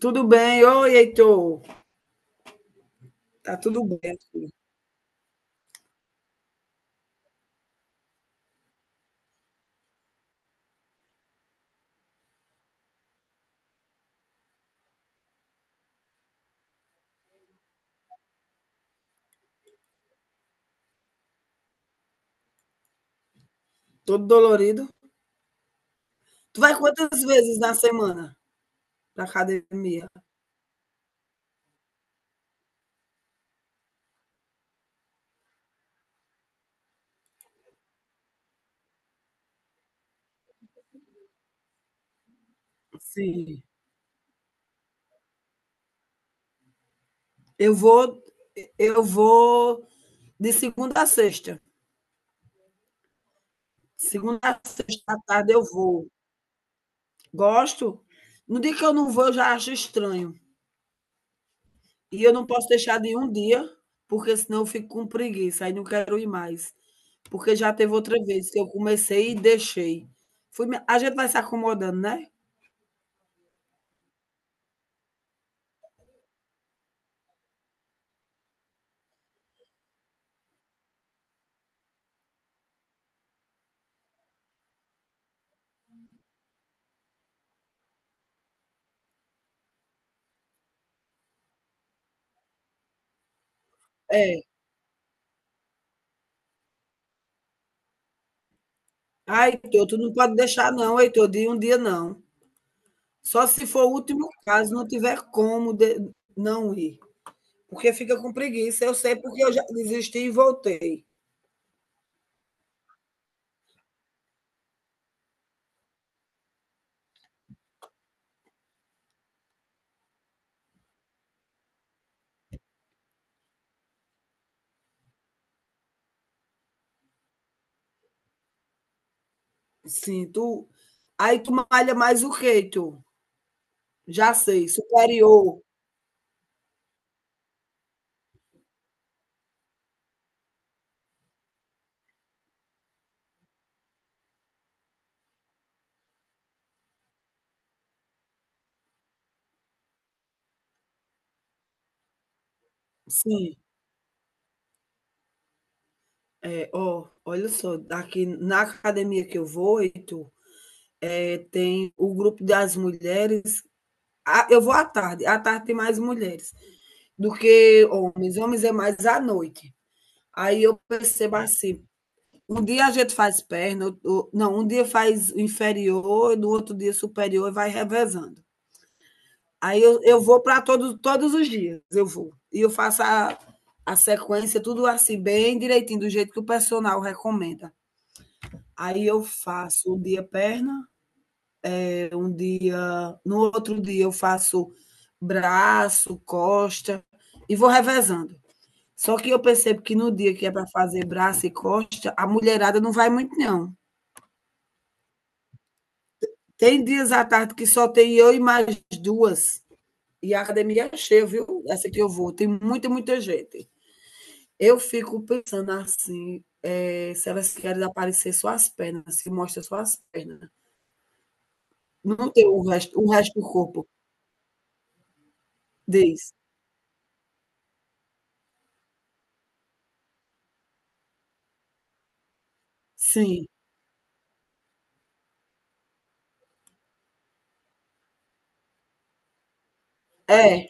Tudo bem? Oi, Heitor. Tá tudo bem, filho. Todo dolorido. Tu vai quantas vezes na semana pra academia? Sim. Eu vou, eu vou de segunda a sexta. Segunda a sexta à tarde eu vou. Gosto. No dia que eu não vou, eu já acho estranho. E eu não posso deixar de ir um dia, porque senão eu fico com preguiça, aí não quero ir mais. Porque já teve outra vez que eu comecei e deixei. A gente vai se acomodando, né? É. Ah, Heitor, tu não pode deixar, não, Heitor, de um dia não. Só se for o último caso, não tiver como não ir. Porque fica com preguiça. Eu sei porque eu já desisti e voltei. Sim, tu. Aí tu malha mais o que, Heitor? Já sei, superior. Sim. É, ó, olha só, aqui na academia que eu vou, Heitor, é, tem o grupo das mulheres. Ah, eu vou à tarde tem mais mulheres do que homens. Homens é mais à noite. Aí eu percebo assim, um dia a gente faz perna, não, um dia faz inferior, no outro dia superior e vai revezando. Aí eu vou para todos os dias, eu vou. E eu faço a sequência, tudo assim, bem direitinho, do jeito que o personal recomenda. Aí eu faço um dia perna, um dia. No outro dia eu faço braço, costa, e vou revezando. Só que eu percebo que no dia que é para fazer braço e costa, a mulherada não vai muito, não. Tem dias à tarde que só tem eu e mais duas. E a academia é cheia, viu? Essa que eu vou. Tem muita, muita gente. Eu fico pensando assim, é, se elas querem aparecer só as pernas, se mostra só as pernas. Não tem o resto do corpo. Diz. Sim. É,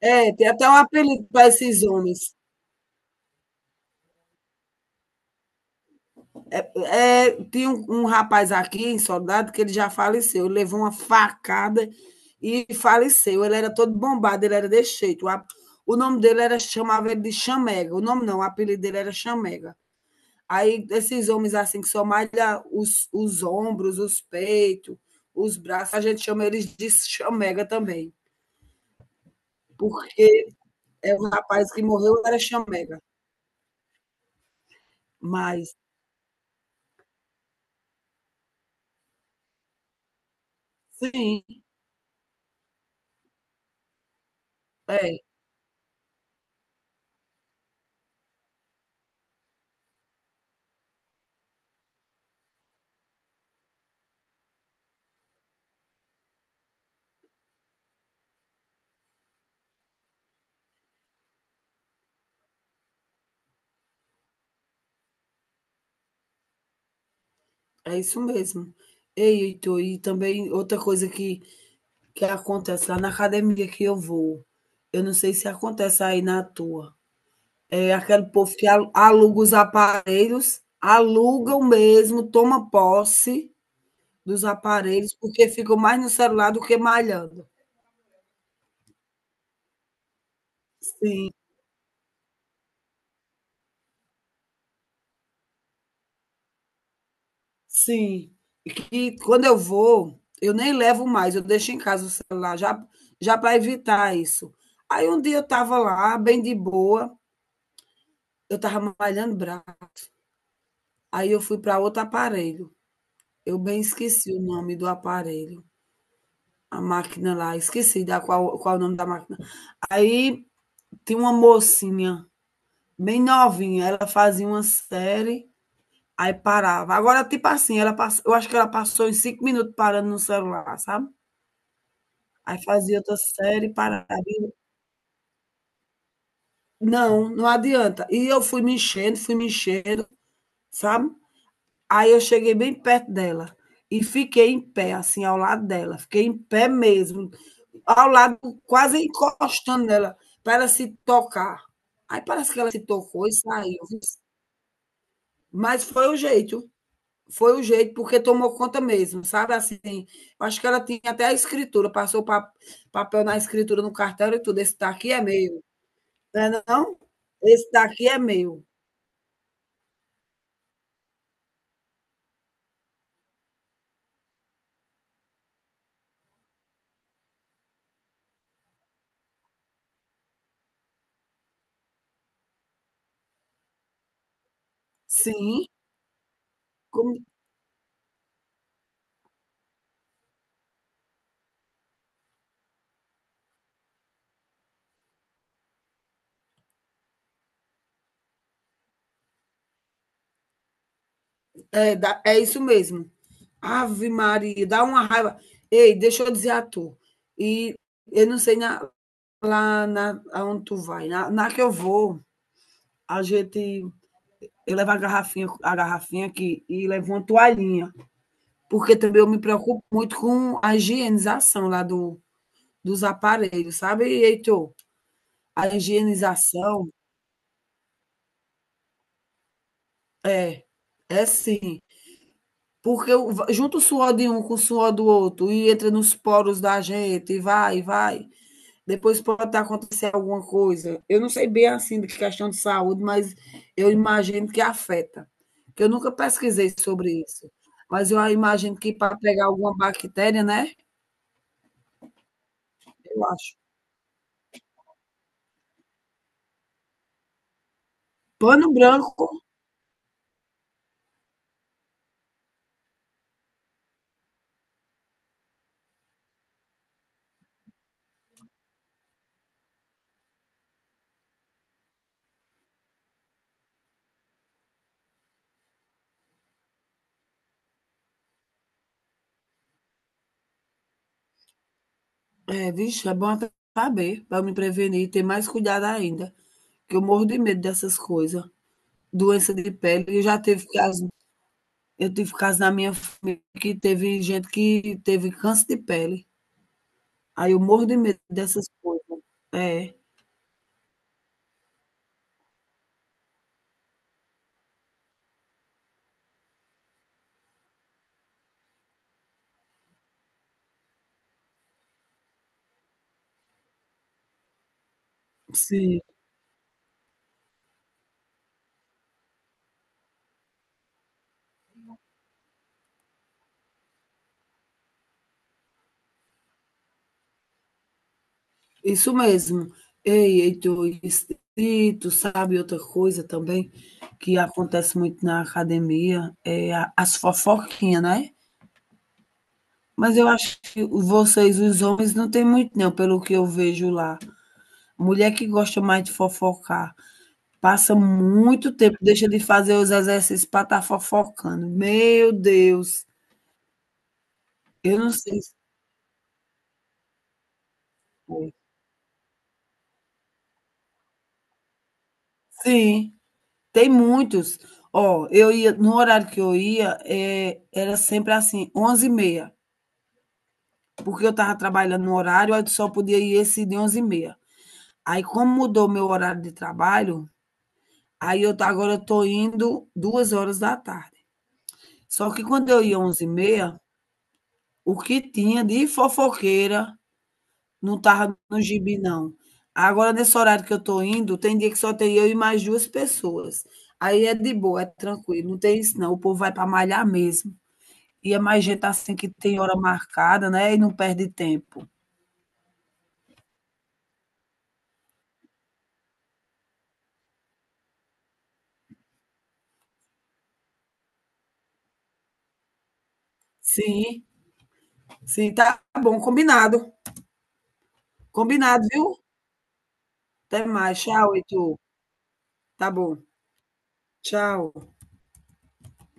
é, tem até um apelido para esses homens. É, tem um rapaz aqui em Soldado que ele já faleceu, ele levou uma facada e faleceu. Ele era todo bombado, ele era desse jeito. O nome dele era, chamava ele de Chamega. O nome não, o apelido dele era Chamega. Aí esses homens assim que só malha os ombros, os peitos, os braços, a gente chama eles de Chamega também. Porque é o rapaz que morreu era Chamega. Mas, sim, é, é isso mesmo. Ei, Heitor, e também outra coisa que acontece lá na academia que eu vou. Eu não sei se acontece aí na tua. É aquele povo que aluga os aparelhos, alugam mesmo, toma posse dos aparelhos, porque ficam mais no celular do que malhando. Sim, sim. E que quando eu vou, eu nem levo mais, eu deixo em casa o celular, já, já para evitar isso. Aí um dia eu estava lá, bem de boa, eu estava malhando braço. Aí eu fui para outro aparelho. Eu bem esqueci o nome do aparelho, a máquina lá, esqueci da qual o nome da máquina. Aí tinha uma mocinha, bem novinha, ela fazia uma série, aí parava. Agora, tipo assim, ela passa, eu acho que ela passou em 5 minutos parando no celular, sabe? Aí fazia outra série, parava. E não, não adianta. E eu fui me enchendo, sabe? Aí eu cheguei bem perto dela e fiquei em pé, assim, ao lado dela. Fiquei em pé mesmo, ao lado, quase encostando nela, para ela se tocar. Aí parece que ela se tocou e saiu. Mas foi o jeito. Foi o jeito, porque tomou conta mesmo, sabe? Assim, acho que ela tinha até a escritura, passou pa papel na escritura no cartão e tudo. Esse daqui é meu. Não é não? Esse daqui é meu. Sim, como é, dá- é isso mesmo. Ave Maria, dá uma raiva. Ei, deixa eu dizer a tu. E eu não sei na, lá na aonde tu vai, na que eu vou, a gente eu levo a garrafinha aqui e levo uma toalhinha, porque também eu me preocupo muito com a higienização lá do, dos aparelhos, sabe, Heitor? A higienização é, é sim, porque junto o suor de um com o suor do outro e entra nos poros da gente e vai, vai. Depois pode estar acontecendo alguma coisa. Eu não sei bem assim de questão de saúde, mas eu imagino que afeta. Porque eu nunca pesquisei sobre isso. Mas eu imagino que para pegar alguma bactéria, né? Eu acho. Pano branco, é, vixe, é bom até saber, para me prevenir e ter mais cuidado ainda. Que eu morro de medo dessas coisas. Doença de pele, eu já tive caso, eu tive caso na minha família que teve gente que teve câncer de pele. Aí eu morro de medo dessas coisas. É. Sim, isso mesmo. Ei, Heitor, e tu sabe outra coisa também que acontece muito na academia, é as fofoquinhas, né? Mas eu acho que vocês, os homens, não tem muito não, pelo que eu vejo lá. Mulher que gosta mais de fofocar, passa muito tempo, deixa de fazer os exercícios para estar fofocando. Meu Deus, eu não sei se foi. Sim. Tem muitos. Ó, eu ia, no horário que eu ia, era sempre assim, 11h30, porque eu estava trabalhando no horário, aí só podia ir esse de 11h30. Aí como mudou meu horário de trabalho, aí eu tá agora eu estou indo 14h. Só que quando eu ia 11h30, o que tinha de fofoqueira não estava no gibi não. Agora nesse horário que eu tô indo, tem dia que só tem eu e mais 2 pessoas. Aí é de boa, é tranquilo, não tem isso não, o povo vai para malhar mesmo. E é mais gente tá assim que tem hora marcada, né, e não perde tempo. Sim, sim, tá bom, combinado. Combinado, viu? Até mais. Tchau, Heitor. Tá bom. Tchau.